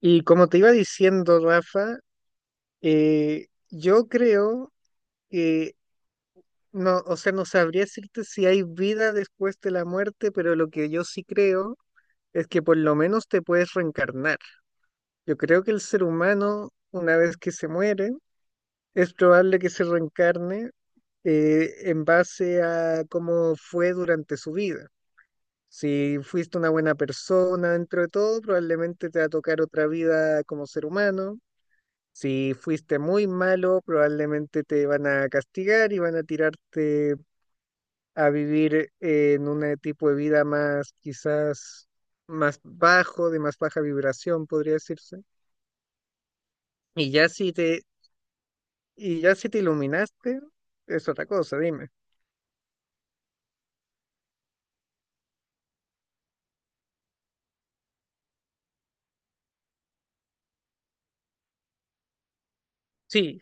Y como te iba diciendo, Rafa, yo creo que, no sabría decirte si hay vida después de la muerte, pero lo que yo sí creo es que por lo menos te puedes reencarnar. Yo creo que el ser humano, una vez que se muere, es probable que se reencarne en base a cómo fue durante su vida. Si fuiste una buena persona dentro de todo, probablemente te va a tocar otra vida como ser humano. Si fuiste muy malo, probablemente te van a castigar y van a tirarte a vivir en un tipo de vida más, quizás, más bajo, de más baja vibración, podría decirse. Y ya si te, y ya si te iluminaste, es otra cosa, dime. Sí,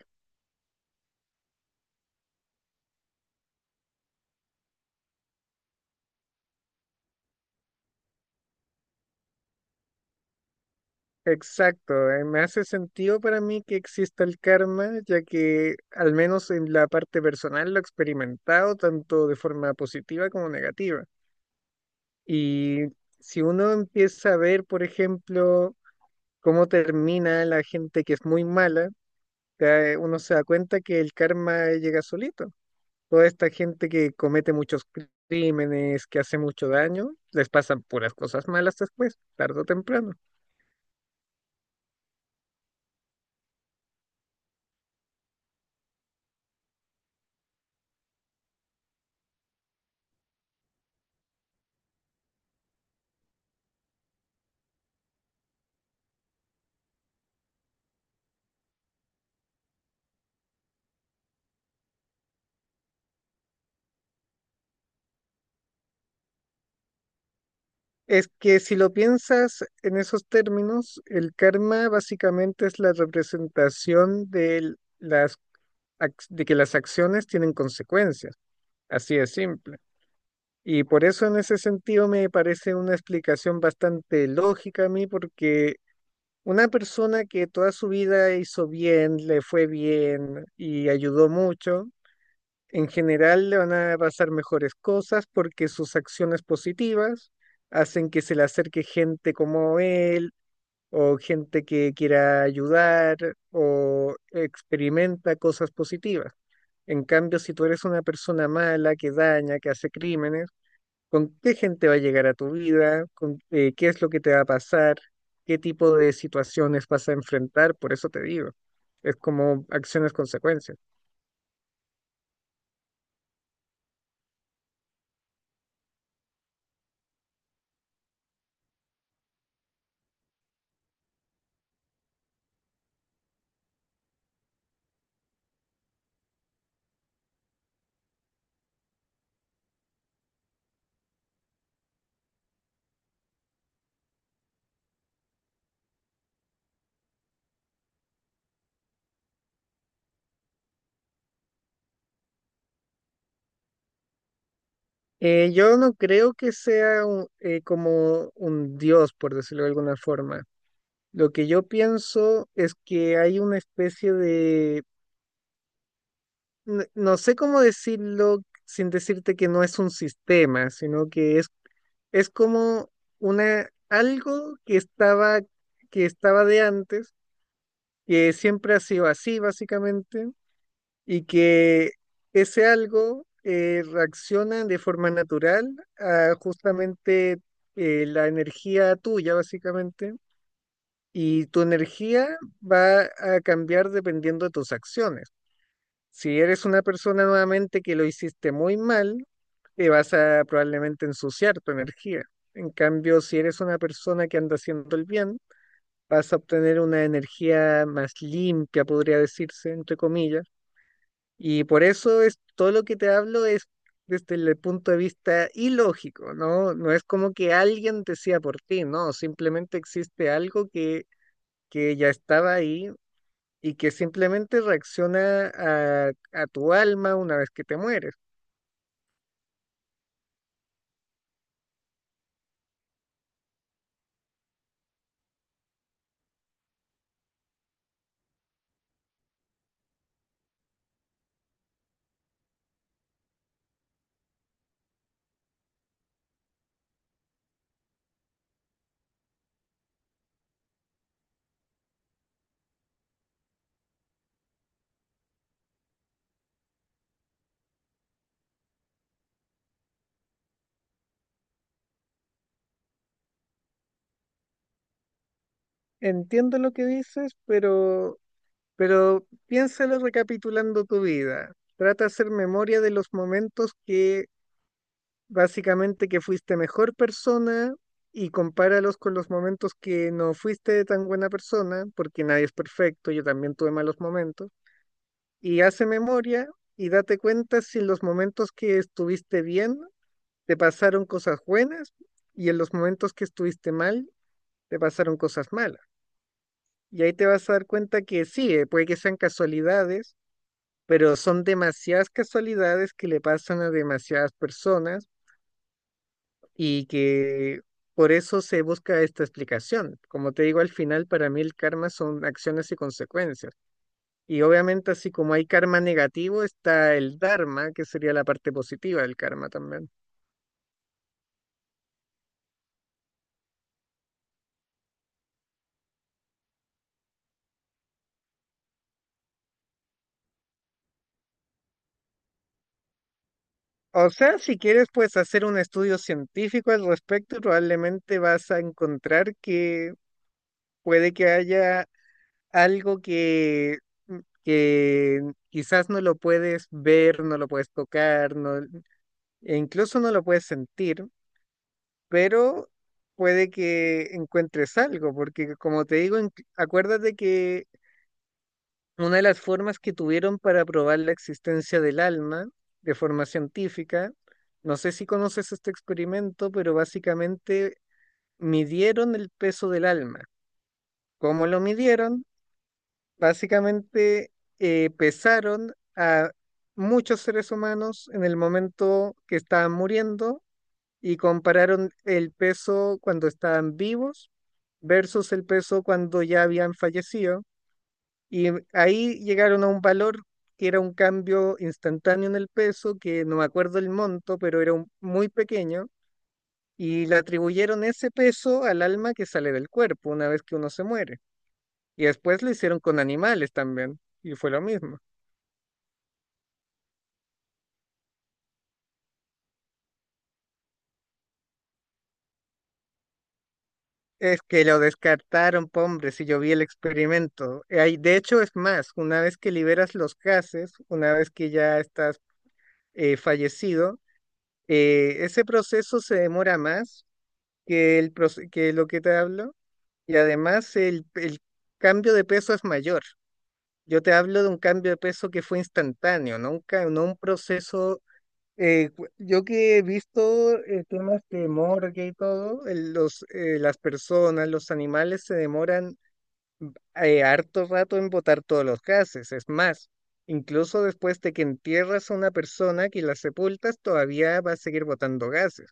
exacto. Me hace sentido para mí que exista el karma, ya que al menos en la parte personal lo he experimentado tanto de forma positiva como negativa. Y si uno empieza a ver, por ejemplo, cómo termina la gente que es muy mala, uno se da cuenta que el karma llega solito. Toda esta gente que comete muchos crímenes, que hace mucho daño, les pasan puras cosas malas después, tarde o temprano. Es que si lo piensas en esos términos, el karma básicamente es la representación de las de que las acciones tienen consecuencias. Así de simple. Y por eso en ese sentido me parece una explicación bastante lógica a mí, porque una persona que toda su vida hizo bien, le fue bien y ayudó mucho, en general le van a pasar mejores cosas porque sus acciones positivas hacen que se le acerque gente como él o gente que quiera ayudar o experimenta cosas positivas. En cambio, si tú eres una persona mala que daña, que hace crímenes, con qué gente va a llegar a tu vida, con qué es lo que te va a pasar, qué tipo de situaciones vas a enfrentar, por eso te digo, es como acciones consecuencias. Yo no creo que sea como un dios, por decirlo de alguna forma. Lo que yo pienso es que hay una especie de, no sé cómo decirlo sin decirte que no es un sistema, sino que es como una, algo que estaba de antes, que siempre ha sido así, básicamente, y que ese algo reacciona de forma natural a justamente la energía tuya, básicamente, y tu energía va a cambiar dependiendo de tus acciones. Si eres una persona nuevamente que lo hiciste muy mal, vas a probablemente ensuciar tu energía. En cambio, si eres una persona que anda haciendo el bien, vas a obtener una energía más limpia, podría decirse, entre comillas. Y por eso es todo lo que te hablo es desde el punto de vista ilógico, ¿no? No es como que alguien decía por ti, no, simplemente existe algo que ya estaba ahí y que simplemente reacciona a tu alma una vez que te mueres. Entiendo lo que dices, pero piénsalo recapitulando tu vida. Trata de hacer memoria de los momentos que básicamente que fuiste mejor persona y compáralos con los momentos que no fuiste tan buena persona, porque nadie es perfecto, yo también tuve malos momentos, y hace memoria y date cuenta si en los momentos que estuviste bien te pasaron cosas buenas y en los momentos que estuviste mal te pasaron cosas malas. Y ahí te vas a dar cuenta que sí, puede que sean casualidades, pero son demasiadas casualidades que le pasan a demasiadas personas y que por eso se busca esta explicación. Como te digo, al final para mí el karma son acciones y consecuencias. Y obviamente así como hay karma negativo, está el dharma, que sería la parte positiva del karma también. O sea, si quieres, pues hacer un estudio científico al respecto, y probablemente vas a encontrar que puede que haya algo que, mm, que quizás no lo puedes ver, no lo puedes tocar, no, e incluso no lo puedes sentir, pero puede que encuentres algo, porque como te digo, acuérdate que una de las formas que tuvieron para probar la existencia del alma de forma científica, no sé si conoces este experimento, pero básicamente midieron el peso del alma. ¿Cómo lo midieron? Básicamente pesaron a muchos seres humanos en el momento que estaban muriendo y compararon el peso cuando estaban vivos versus el peso cuando ya habían fallecido. Y ahí llegaron a un valor que era un cambio instantáneo en el peso, que no me acuerdo el monto, pero era muy pequeño, y le atribuyeron ese peso al alma que sale del cuerpo una vez que uno se muere. Y después lo hicieron con animales también, y fue lo mismo. Es que lo descartaron, po, hombre, si yo vi el experimento. De hecho, es más, una vez que liberas los gases, una vez que ya estás fallecido, ese proceso se demora más que lo que te hablo y además el cambio de peso es mayor. Yo te hablo de un cambio de peso que fue instantáneo, no un, no un proceso. Yo que he visto temas de morgue y todo, las personas, los animales se demoran harto rato en botar todos los gases. Es más, incluso después de que entierras a una persona que la sepultas, todavía va a seguir botando gases.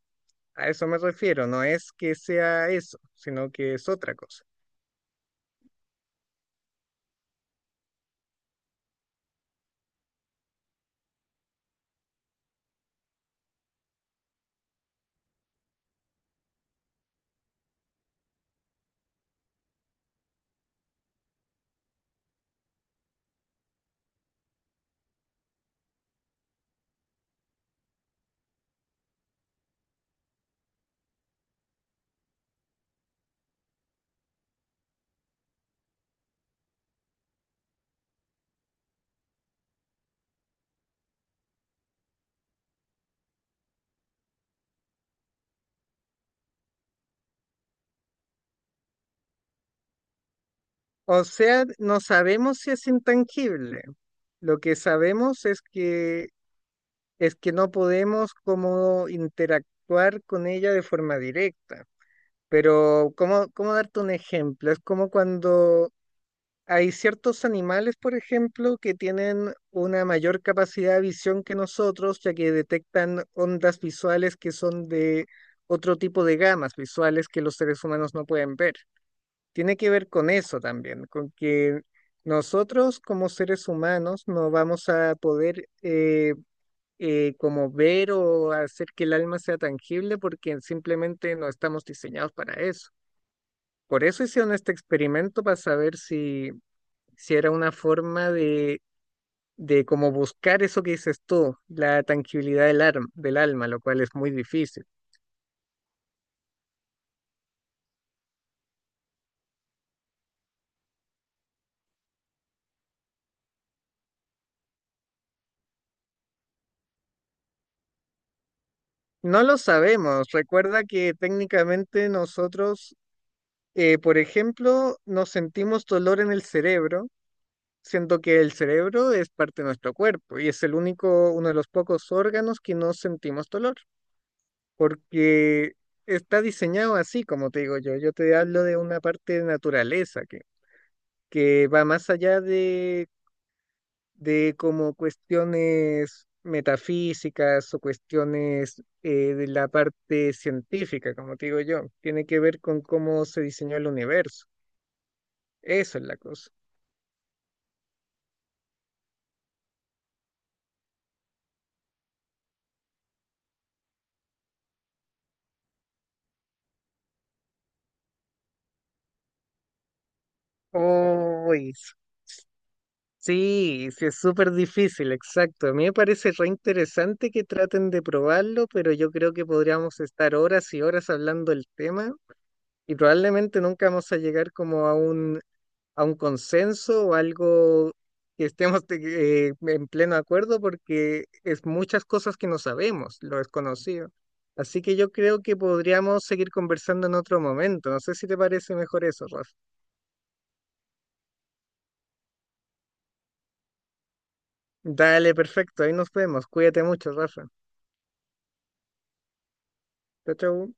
A eso me refiero, no es que sea eso, sino que es otra cosa. O sea, no sabemos si es intangible. Lo que sabemos es que no podemos como interactuar con ella de forma directa. Pero, ¿ cómo darte un ejemplo? Es como cuando hay ciertos animales, por ejemplo, que tienen una mayor capacidad de visión que nosotros, ya que detectan ondas visuales que son de otro tipo de gamas visuales que los seres humanos no pueden ver. Tiene que ver con eso también, con que nosotros como seres humanos no vamos a poder como ver o hacer que el alma sea tangible porque simplemente no estamos diseñados para eso. Por eso hicieron este experimento para saber si, si era una forma de como buscar eso que dices tú, la tranquilidad del alma, lo cual es muy difícil. No lo sabemos. Recuerda que técnicamente nosotros, por ejemplo, nos sentimos dolor en el cerebro, siendo que el cerebro es parte de nuestro cuerpo y es el único, uno de los pocos órganos que no sentimos dolor. Porque está diseñado así, como te digo yo. Yo te hablo de una parte de naturaleza que va más allá de como cuestiones metafísicas o cuestiones de la parte científica, como te digo yo. Tiene que ver con cómo se diseñó el universo. Eso es la cosa. Uy, Sí, sí, es súper difícil, exacto. A mí me parece re interesante que traten de probarlo, pero yo creo que podríamos estar horas y horas hablando del tema y probablemente nunca vamos a llegar como a un consenso o algo que estemos en pleno acuerdo porque es muchas cosas que no sabemos, lo desconocido. Así que yo creo que podríamos seguir conversando en otro momento. No sé si te parece mejor eso, Rafa. Dale, perfecto. Ahí nos vemos. Cuídate mucho, Rafa. Chao, chao.